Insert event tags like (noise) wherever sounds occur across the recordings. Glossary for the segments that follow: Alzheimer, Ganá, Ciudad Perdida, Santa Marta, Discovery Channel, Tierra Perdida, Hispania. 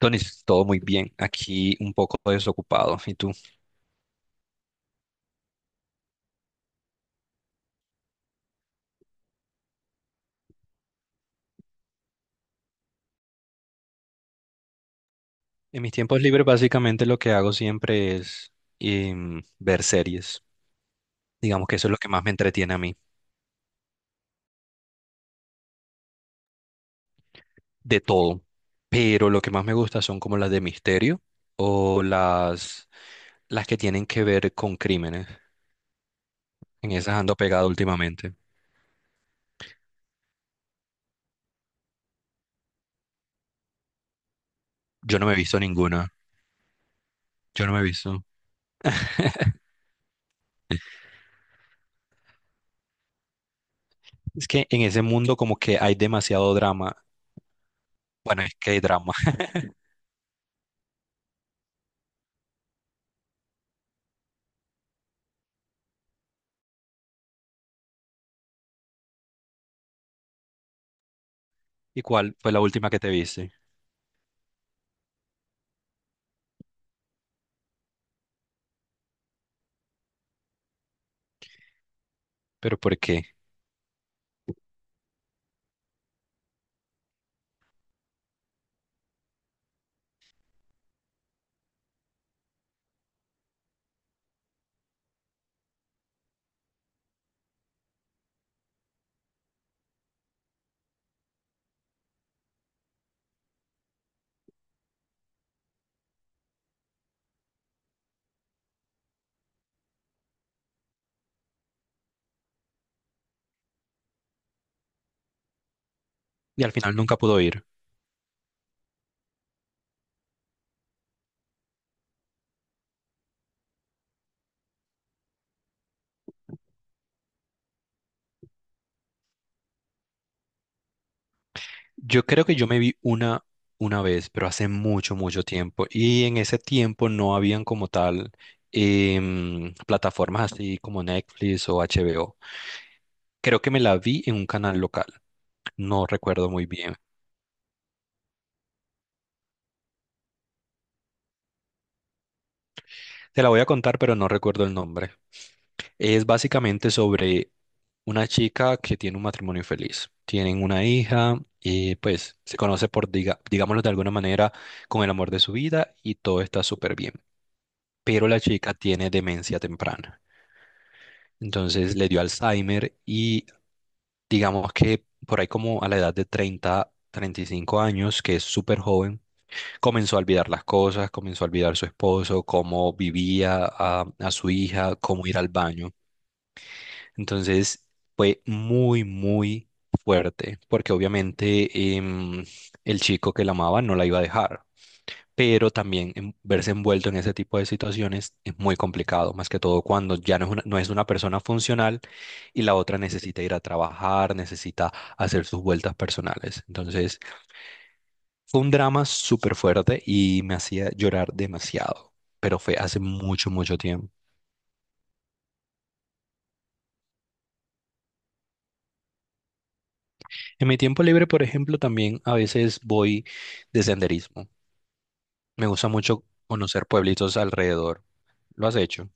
Tony, todo muy bien. Aquí un poco desocupado. ¿Y tú? En mis tiempos libres básicamente lo que hago siempre es ver series. Digamos que eso es lo que más me entretiene a mí, de todo. Pero lo que más me gusta son como las de misterio o las que tienen que ver con crímenes. En esas ando pegado últimamente. Yo no me he visto ninguna. Yo no me he visto. (laughs) Es que en ese mundo como que hay demasiado drama. Bueno, es que hay drama. (laughs) ¿Y cuál fue la última que te viste? ¿Pero por qué? Y al final nunca pudo ir. Yo creo que yo me vi una vez, pero hace mucho, mucho tiempo. Y en ese tiempo no habían como tal plataformas así como Netflix o HBO. Creo que me la vi en un canal local. No recuerdo muy bien. Te la voy a contar, pero no recuerdo el nombre. Es básicamente sobre una chica que tiene un matrimonio feliz. Tienen una hija y pues se conoce por, digámoslo de alguna manera, con el amor de su vida y todo está súper bien. Pero la chica tiene demencia temprana. Entonces le dio Alzheimer y digamos que por ahí como a la edad de 30, 35 años, que es súper joven. Comenzó a olvidar las cosas, comenzó a olvidar su esposo, cómo vivía a su hija, cómo ir al baño. Entonces fue muy, muy fuerte, porque obviamente el chico que la amaba no la iba a dejar, pero también verse envuelto en ese tipo de situaciones es muy complicado, más que todo cuando ya no es una persona funcional y la otra necesita ir a trabajar, necesita hacer sus vueltas personales. Entonces. Fue un drama súper fuerte y me hacía llorar demasiado, pero fue hace mucho, mucho tiempo. En mi tiempo libre, por ejemplo, también a veces voy de senderismo. Me gusta mucho conocer pueblitos alrededor. ¿Lo has hecho?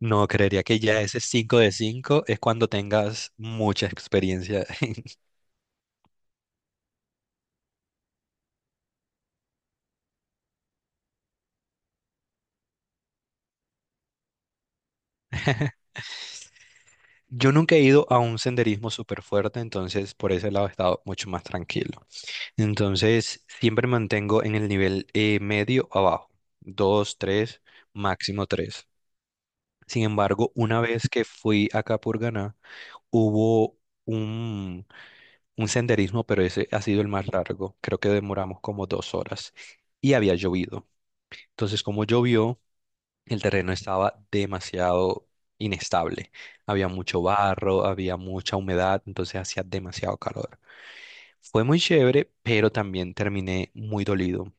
No, creería que ya ese 5 de 5 es cuando tengas mucha experiencia. (laughs) Yo nunca he ido a un senderismo súper fuerte, entonces por ese lado he estado mucho más tranquilo. Entonces, siempre mantengo en el nivel medio abajo, dos, tres, máximo tres. Sin embargo, una vez que fui acá por Ganá, hubo un, un senderismo, pero ese ha sido el más largo. Creo que demoramos como 2 horas y había llovido. Entonces, como llovió, el terreno estaba demasiado inestable. Había mucho barro, había mucha humedad, entonces hacía demasiado calor. Fue muy chévere, pero también terminé muy dolido,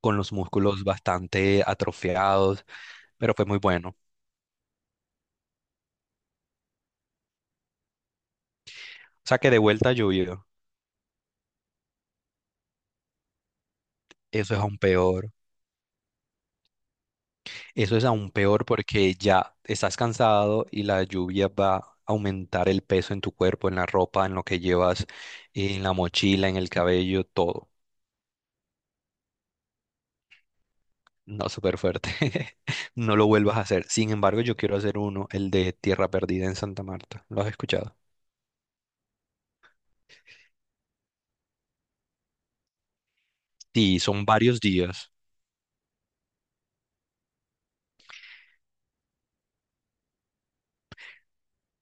con los músculos bastante atrofiados, pero fue muy bueno. O sea que de vuelta llovió. Eso es aún peor. Eso es aún peor porque ya estás cansado y la lluvia va a aumentar el peso en tu cuerpo, en la ropa, en lo que llevas, en la mochila, en el cabello, todo. No, súper fuerte. (laughs) No lo vuelvas a hacer. Sin embargo, yo quiero hacer uno, el de Tierra Perdida en Santa Marta. ¿Lo has escuchado? Sí, son varios días.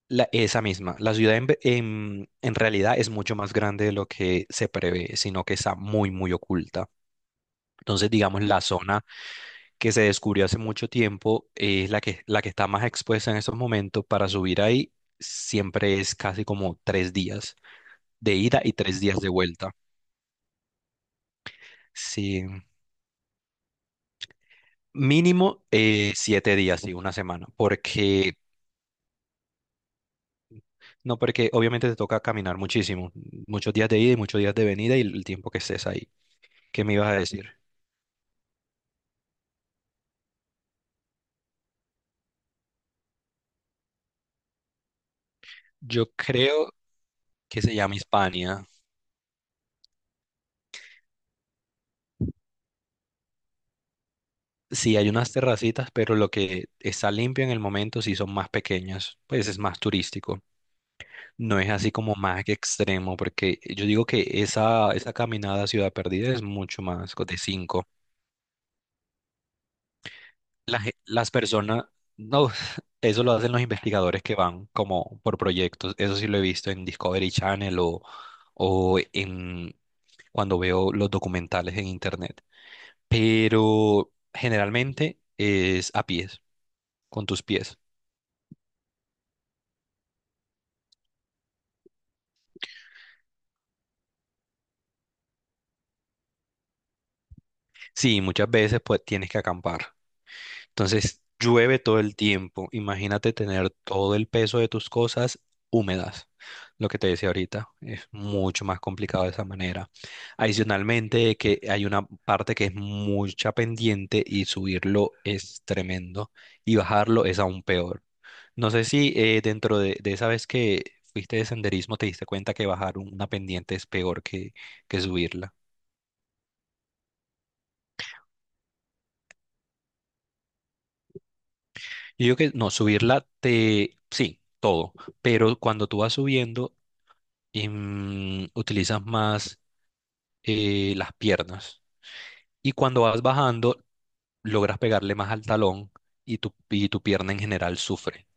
Esa misma, la ciudad en realidad es mucho más grande de lo que se prevé, sino que está muy, muy oculta. Entonces, digamos, la zona que se descubrió hace mucho tiempo es la que está más expuesta en estos momentos. Para subir ahí siempre es casi como 3 días de ida y 3 días de vuelta. Sí, mínimo 7 días, sí, una semana, porque. No, porque obviamente te toca caminar muchísimo, muchos días de ida y muchos días de venida y el tiempo que estés ahí. ¿Qué me ibas a decir? Yo creo que se llama Hispania. Sí, hay unas terracitas, pero lo que está limpio en el momento sí son más pequeñas, pues es más turístico. No es así como más que extremo, porque yo digo que esa caminada a Ciudad Perdida es mucho más de cinco. Las personas, no, (laughs) eso lo hacen los investigadores que van como por proyectos. Eso sí lo he visto en Discovery Channel o en cuando veo los documentales en internet. Pero generalmente es a pies, con tus pies. Sí, muchas veces pues tienes que acampar. Entonces llueve todo el tiempo. Imagínate tener todo el peso de tus cosas húmedas. Lo que te decía ahorita es mucho más complicado de esa manera. Adicionalmente, que hay una parte que es mucha pendiente y subirlo es tremendo y bajarlo es aún peor. No sé si dentro de esa vez que fuiste de senderismo te diste cuenta que bajar una pendiente es peor que subirla. Yo digo que no, subirla te. Sí, todo, pero cuando tú vas subiendo utilizas más las piernas y cuando vas bajando logras pegarle más al talón y tu pierna en general sufre.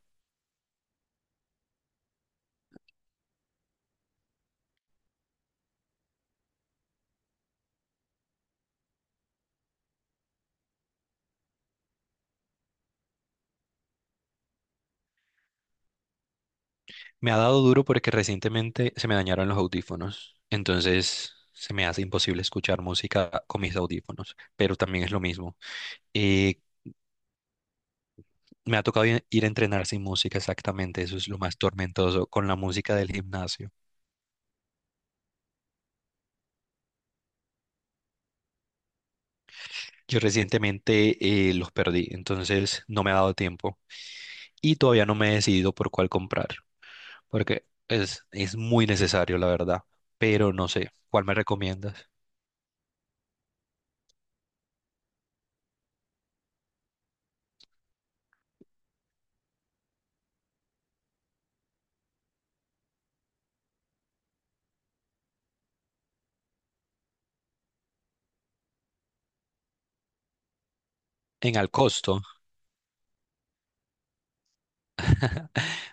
Me ha dado duro porque recientemente se me dañaron los audífonos, entonces se me hace imposible escuchar música con mis audífonos pero también es lo mismo. Y me ha tocado ir a entrenar sin música, exactamente. Eso es lo más tormentoso con la música del gimnasio. Yo recientemente los perdí, entonces no me ha dado tiempo y todavía no me he decidido por cuál comprar, porque es muy necesario, la verdad. Pero no sé, ¿cuál me recomiendas? En al costo,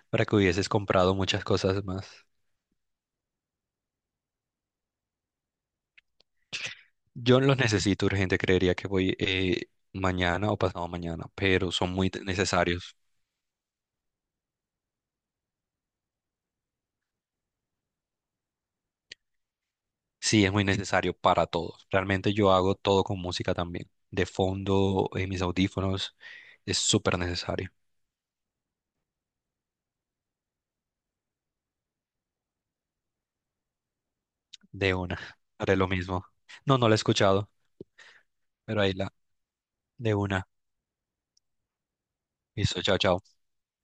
para que hubieses comprado muchas cosas más. Yo los necesito urgente, creería que voy mañana o pasado mañana, pero son muy necesarios. Sí, es muy necesario para todos. Realmente yo hago todo con música también. De fondo, en mis audífonos, es súper necesario. De una. Haré lo mismo. No, no la he escuchado, pero ahí la, de una. Listo, chao, chao.